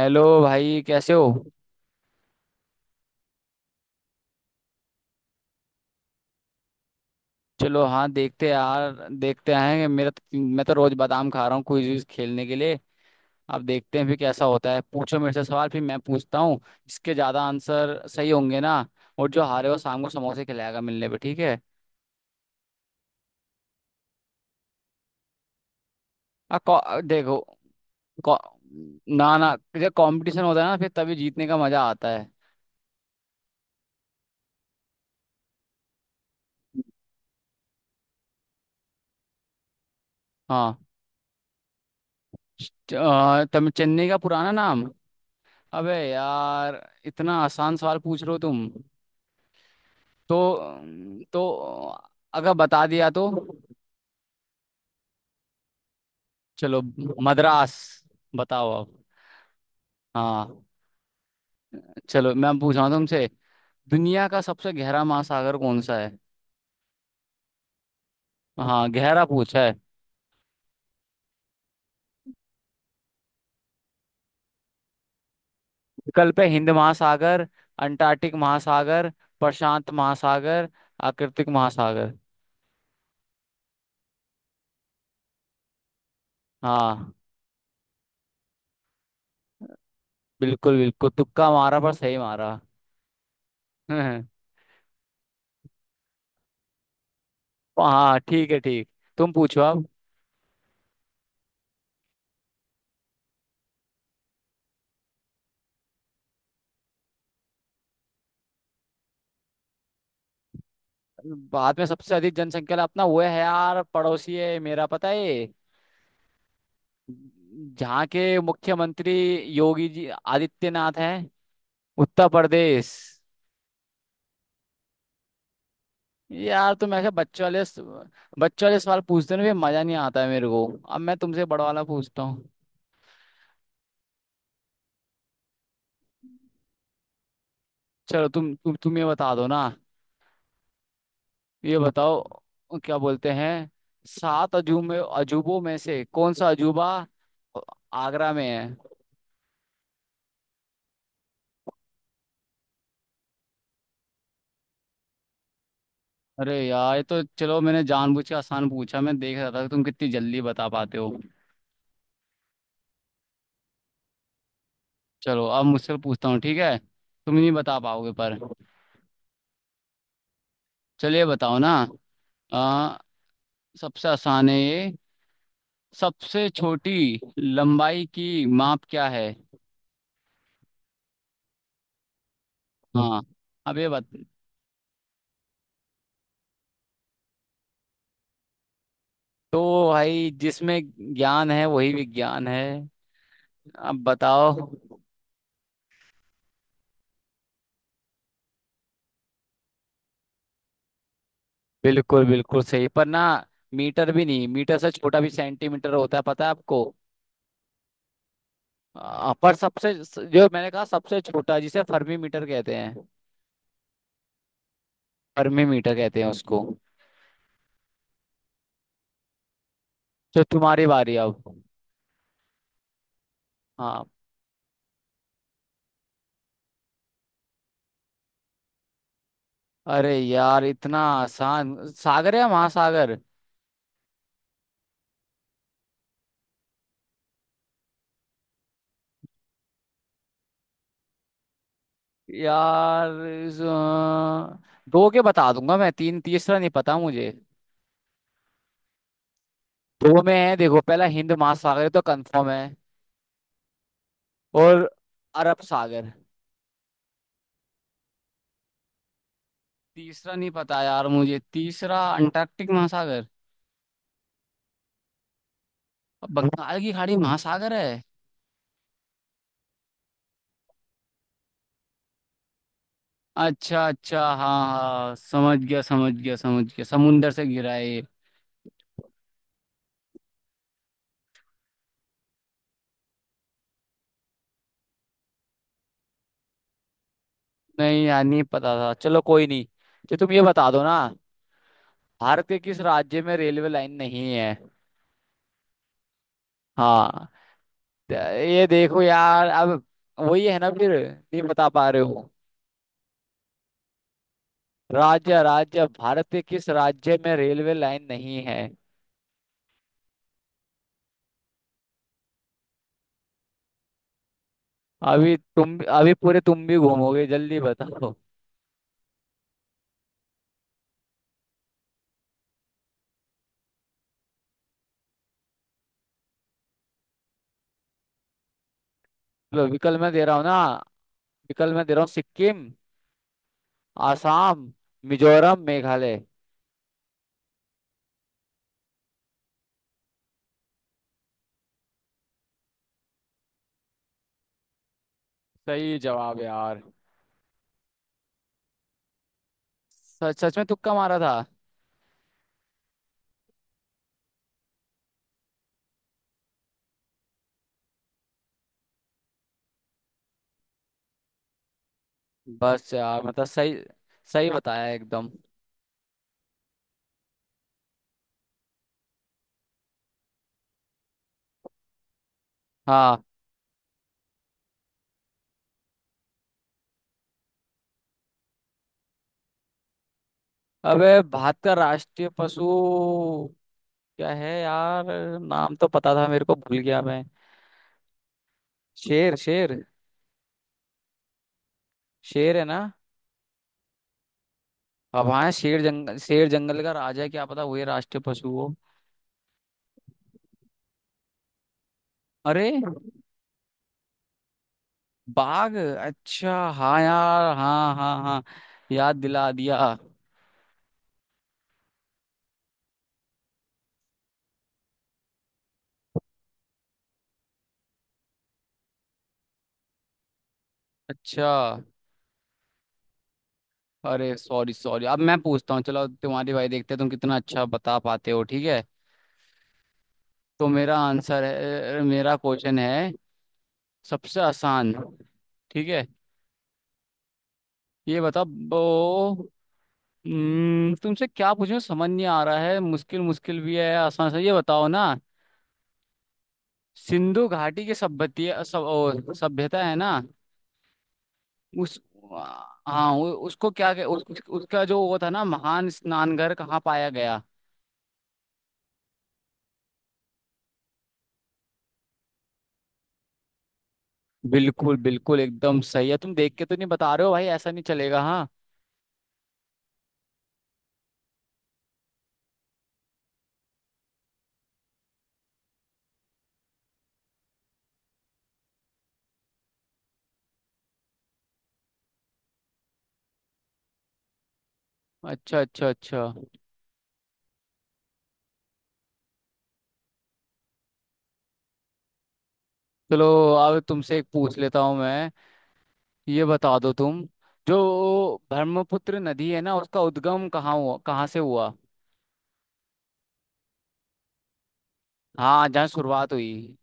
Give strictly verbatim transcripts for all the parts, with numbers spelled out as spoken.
Hello भाई, कैसे हो। चलो हाँ, देखते हैं यार। देखते हैं। मेरा तो, मैं तो रोज बादाम खा रहा हूँ क्विज विज खेलने के लिए। अब देखते हैं फिर कैसा होता है। पूछो मेरे से सवाल, फिर मैं पूछता हूँ। जिसके ज्यादा आंसर सही होंगे ना। और जो हारे वो शाम को समोसे खिलाएगा मिलने पे, ठीक है। आ, कौ- आ, देखो। कौ, ना ना, जब कंपटीशन होता है ना फिर तभी जीतने का मजा आता है। हाँ। च- आ, तुम चेन्नई का पुराना नाम। अबे यार, इतना आसान सवाल पूछ रहे हो तुम। तो अम, तो अगर बता दिया तो। चलो, मद्रास। बताओ अब। हाँ। चलो, मैं पूछ रहा हूँ तुमसे। दुनिया का सबसे गहरा महासागर कौन सा है। हाँ, गहरा पूछा है। विकल्प है हिंद महासागर, अंटार्कटिक महासागर, प्रशांत महासागर, आर्कटिक महासागर। हाँ। बिल्कुल बिल्कुल, तुक्का मारा पर सही मारा। हाँ ठीक है, ठीक। तुम पूछो अब। भारत में सबसे अधिक जनसंख्या वाला अपना वो है यार, पड़ोसी है मेरा, पता है। जहाँ के मुख्यमंत्री योगी जी आदित्यनाथ हैं। उत्तर प्रदेश। यार, तुम ऐसे बच्चे वाले बच्चे वाले सवाल पूछते हो ना, ये मजा नहीं आता है मेरे को। अब मैं तुमसे बड़ा वाला पूछता हूँ। चलो, तुम तुम तुम ये बता दो ना। ये बताओ, क्या बोलते हैं, सात अजूबे में अजूबों में से कौन सा अजूबा आगरा में है। अरे यार, ये तो चलो मैंने जानबूझ के आसान पूछा। मैं देख रहा था कि तुम कितनी जल्दी बता पाते हो। चलो अब मुझसे पूछता हूँ, ठीक है। तुम नहीं बता पाओगे पर। चलिए बताओ ना। आ, सबसे आसान है ये। सबसे छोटी लंबाई की माप क्या है। हाँ। अब ये बत। तो भाई, जिसमें ज्ञान है वही विज्ञान है। अब बताओ। बिल्कुल बिल्कुल सही, पर ना मीटर भी नहीं, मीटर से छोटा भी सेंटीमीटर होता है, पता है आपको। आ, पर सबसे जो मैंने कहा सबसे छोटा, जिसे फर्मी मीटर कहते हैं। फर्मी मीटर कहते हैं उसको। तो तुम्हारी बारी अब। हाँ। अरे यार, इतना आसान। सागर या महासागर। यार इस, अ, दो के बता दूंगा मैं, तीन तीसरा नहीं पता मुझे। दो में है देखो, पहला हिंद महासागर तो कंफर्म है। और अरब सागर। तीसरा नहीं पता यार मुझे, तीसरा अंटार्कटिक महासागर। बंगाल की खाड़ी महासागर है। अच्छा अच्छा, हाँ हाँ, समझ गया समझ गया समझ गया, समुंदर से घिरा है ये। नहीं यार, नहीं पता था, चलो कोई नहीं। तो तुम ये बता दो ना, भारत के किस राज्य में रेलवे लाइन नहीं है। हाँ। त- ये देखो यार अब, वही है ना फिर, नहीं बता पा रहे हो। राज्य, राज्य, भारत के किस राज्य में रेलवे लाइन नहीं है। अभी तुम, अभी पूरे तुम भी घूमोगे, जल्दी बताओ। लो, विकल्प मैं दे रहा हूँ ना। विकल्प मैं दे रहा हूँ, सिक्किम, आसाम, मिजोरम, मेघालय। सही जवाब यार। सच, सच में तुक्का मारा था। बस यार, मतलब सही, सही बताया एकदम। हाँ। अबे, भारत का राष्ट्रीय पशु क्या है यार। नाम तो पता था, मेरे को भूल गया मैं। शेर शेर। शेर है ना। अब हाँ, शेर, जंगल शेर जंगल का राजा है, क्या पता वही राष्ट्रीय पशु हो। अरे, बाघ। अच्छा हाँ यार, हाँ हाँ हाँ, याद दिला दिया। अच्छा। अरे सॉरी सॉरी, अब मैं पूछता हूँ। चलो तुम्हारी भाई, देखते हैं तुम कितना अच्छा बता पाते हो, ठीक है। तो मेरा आंसर है, मेरा क्वेश्चन है, सबसे आसान, ठीक है। ये बता वो। हम्म, तुमसे क्या पूछूं, समझ नहीं आ रहा है, मुश्किल मुश्किल भी है, आसान से ये बताओ ना। सिंधु घाटी की सभ्यती सब ओ, सभ्यता है ना। उस हाँ उ- उसको क्या कह- उस, उस- उसका जो वो था ना, महान स्नानघर कहाँ पाया गया। बिल्कुल बिल्कुल, एकदम सही है। तुम देख के तो नहीं बता रहे हो भाई, ऐसा नहीं चलेगा हाँ। अच्छा अच्छा अच्छा। चलो, अब तुमसे एक पूछ लेता हूँ मैं। ये बता दो तुम, जो ब्रह्मपुत्र नदी है ना, उसका उद्गम कहाँ हुआ, कहाँ से हुआ। हाँ, जहाँ शुरुआत हुई।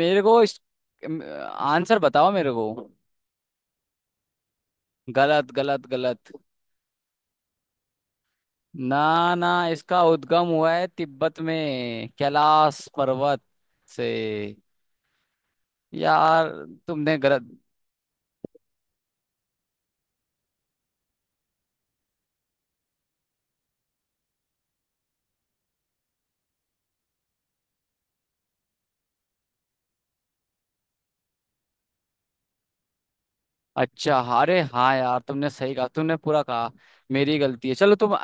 मेरे को इस आंसर बताओ मेरे को। गलत गलत गलत। ना ना, इसका उद्गम हुआ है तिब्बत में, कैलाश पर्वत से यार। तुमने गलत अच्छा, अरे हाँ यार, तुमने सही कहा, तुमने पूरा कहा, मेरी गलती है। चलो तुम।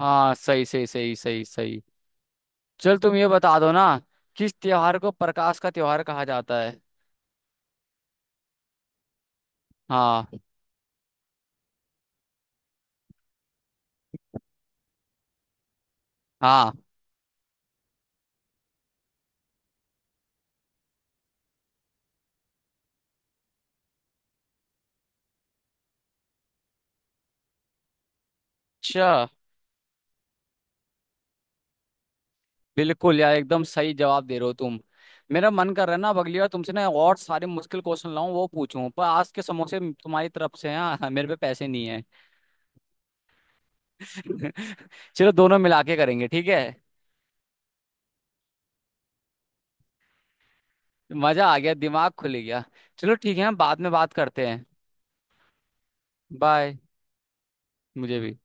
हाँ सही सही सही सही सही। चल तुम ये बता दो ना, किस त्योहार को प्रकाश का त्योहार कहा जाता है। हाँ। हाँ। अच्छा। बिल्कुल यार, एकदम सही जवाब दे रहे हो तुम। मेरा मन कर रहा है ना, अब अगली बार तुमसे ना और सारे मुश्किल क्वेश्चन लाऊं वो पूछूं, पर आज के समोसे तुम्हारी तरफ से हैं हाँ, मेरे पे पैसे नहीं है। चलो दोनों मिला के करेंगे, ठीक है। मजा आ गया, दिमाग खुल गया। चलो ठीक है, हम बाद में बात करते हैं। बाय। मुझे भी।